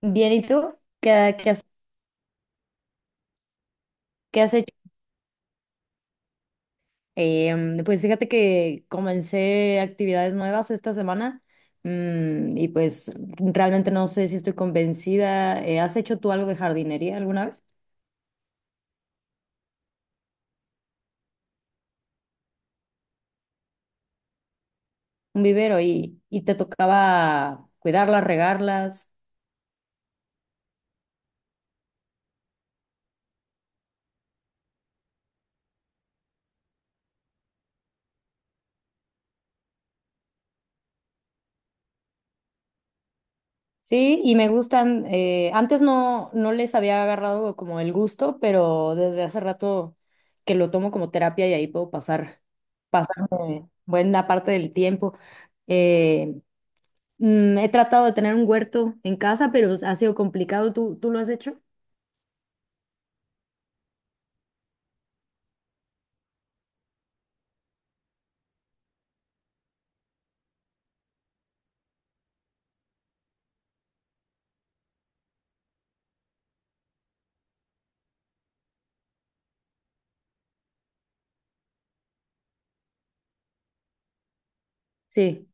Bien, ¿y tú? ¿Qué has hecho? Pues fíjate que comencé actividades nuevas esta semana y pues realmente no sé si estoy convencida. ¿Has hecho tú algo de jardinería alguna vez? Un vivero y te tocaba cuidarlas, regarlas. Sí, y me gustan. Antes no les había agarrado como el gusto, pero desde hace rato que lo tomo como terapia y ahí puedo pasar, pasarme buena parte del tiempo. Eh, He tratado de tener un huerto en casa, pero ha sido complicado. ¿Tú lo has hecho? Sí,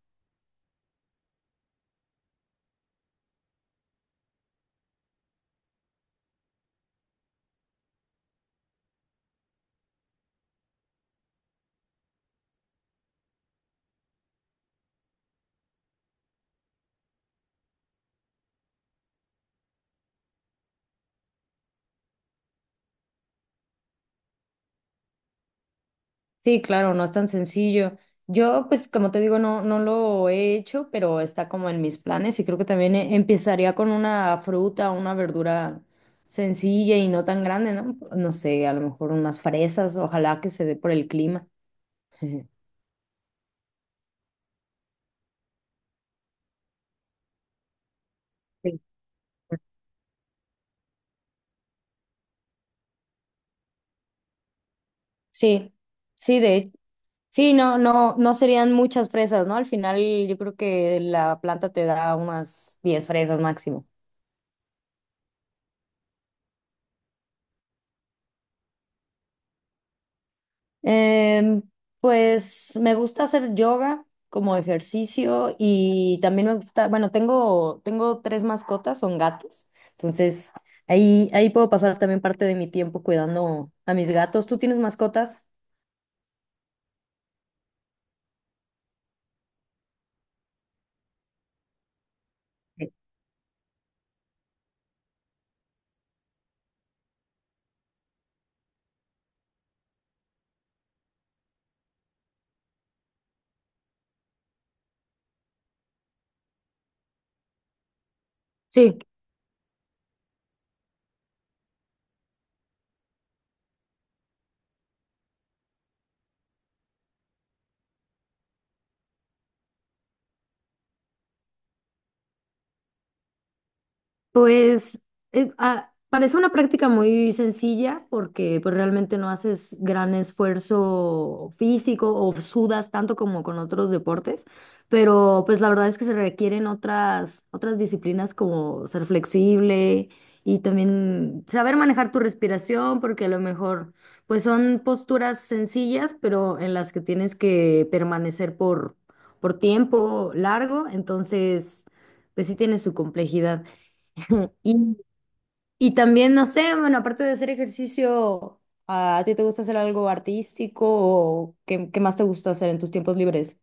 sí, claro, no es tan sencillo. Yo, pues, como te digo, no lo he hecho, pero está como en mis planes y creo que también empezaría con una fruta, una verdura sencilla y no tan grande, ¿no? No sé, a lo mejor unas fresas, ojalá que se dé por el clima. Sí, sí, sí, de hecho. Sí, no, no, no serían muchas fresas, ¿no? Al final yo creo que la planta te da unas 10 fresas máximo. Em, pues me gusta hacer yoga como ejercicio y también me gusta, bueno, tengo tres mascotas, son gatos, entonces ahí puedo pasar también parte de mi tiempo cuidando a mis gatos. ¿Tú tienes mascotas? Sí. Pues parece una práctica muy sencilla porque pues, realmente no haces gran esfuerzo físico o sudas tanto como con otros deportes, pero pues la verdad es que se requieren otras disciplinas como ser flexible y también saber manejar tu respiración porque a lo mejor pues son posturas sencillas, pero en las que tienes que permanecer por tiempo largo, entonces pues sí tiene su complejidad. Y, y también, no sé, bueno, aparte de hacer ejercicio, ¿a ti te gusta hacer algo artístico o qué más te gusta hacer en tus tiempos libres?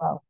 Wow.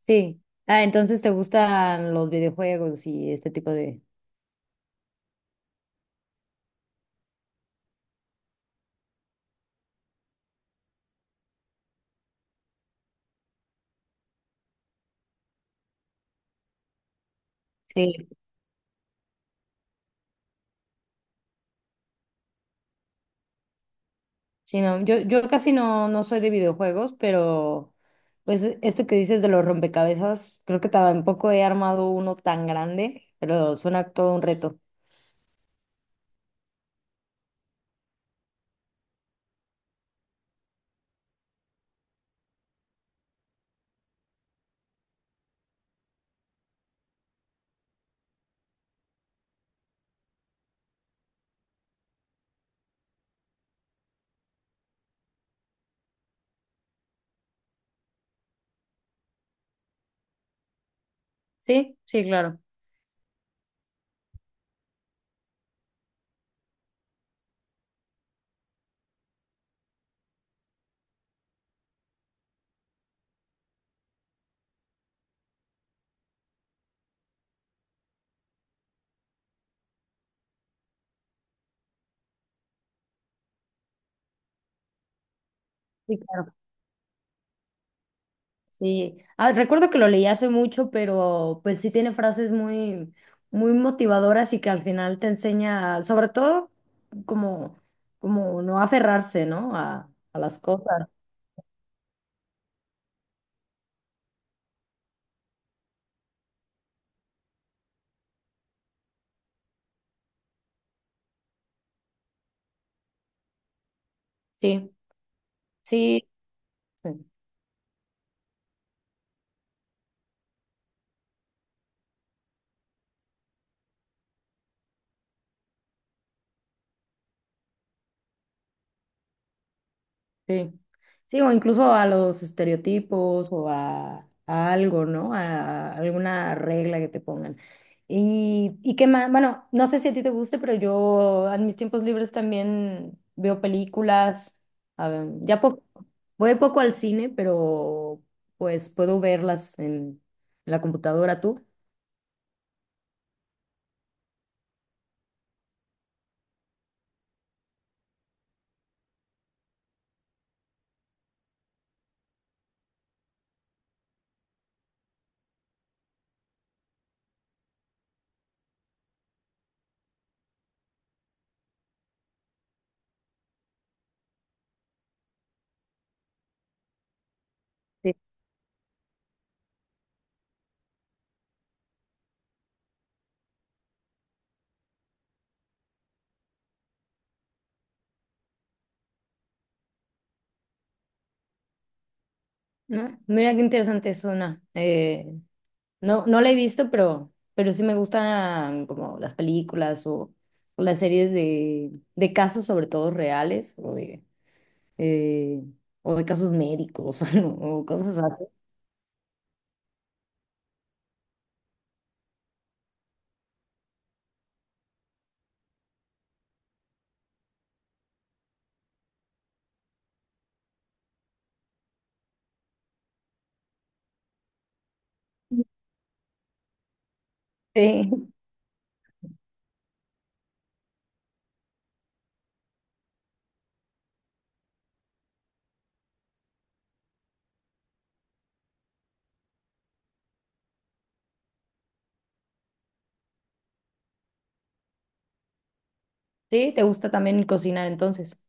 Sí. Ah, entonces te gustan los videojuegos y este tipo de... Sí. Sí, no, yo casi no soy de videojuegos, pero pues esto que dices de los rompecabezas, creo que tampoco he armado uno tan grande, pero suena todo un reto. Sí, sí, claro. Sí, claro. Sí, ah, recuerdo que lo leí hace mucho, pero pues sí tiene frases muy, muy motivadoras y que al final te enseña, sobre todo, como, como no aferrarse, ¿no? A las cosas. Sí, sí. Sí. Sí, o incluso a los estereotipos o a algo, ¿no? A, alguna regla que te pongan. Y qué más, bueno, no sé si a ti te guste, pero yo en mis tiempos libres también veo películas. A ver, ya poco, voy poco al cine, pero pues puedo verlas en la computadora tú. Sí. ¿No? Mira qué interesante suena. No, no la he visto, pero sí me gustan como las películas o las series de casos sobre todo reales eh, o de casos médicos o cosas así. Sí. Sí, ¿te gusta también cocinar entonces?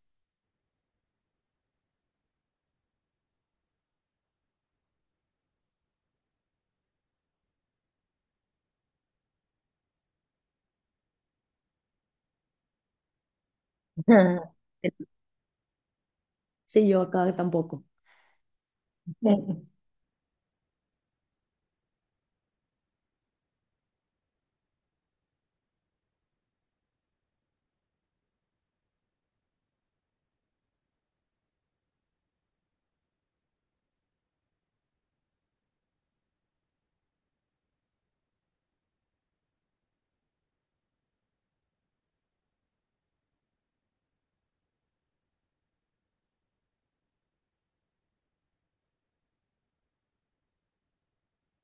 Sí, yo acá tampoco.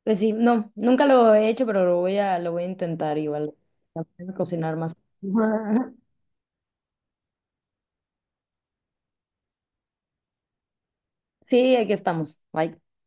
Pues sí, no, nunca lo he hecho, pero lo voy a intentar igual. Aprender a cocinar más. Sí, aquí estamos. Bye.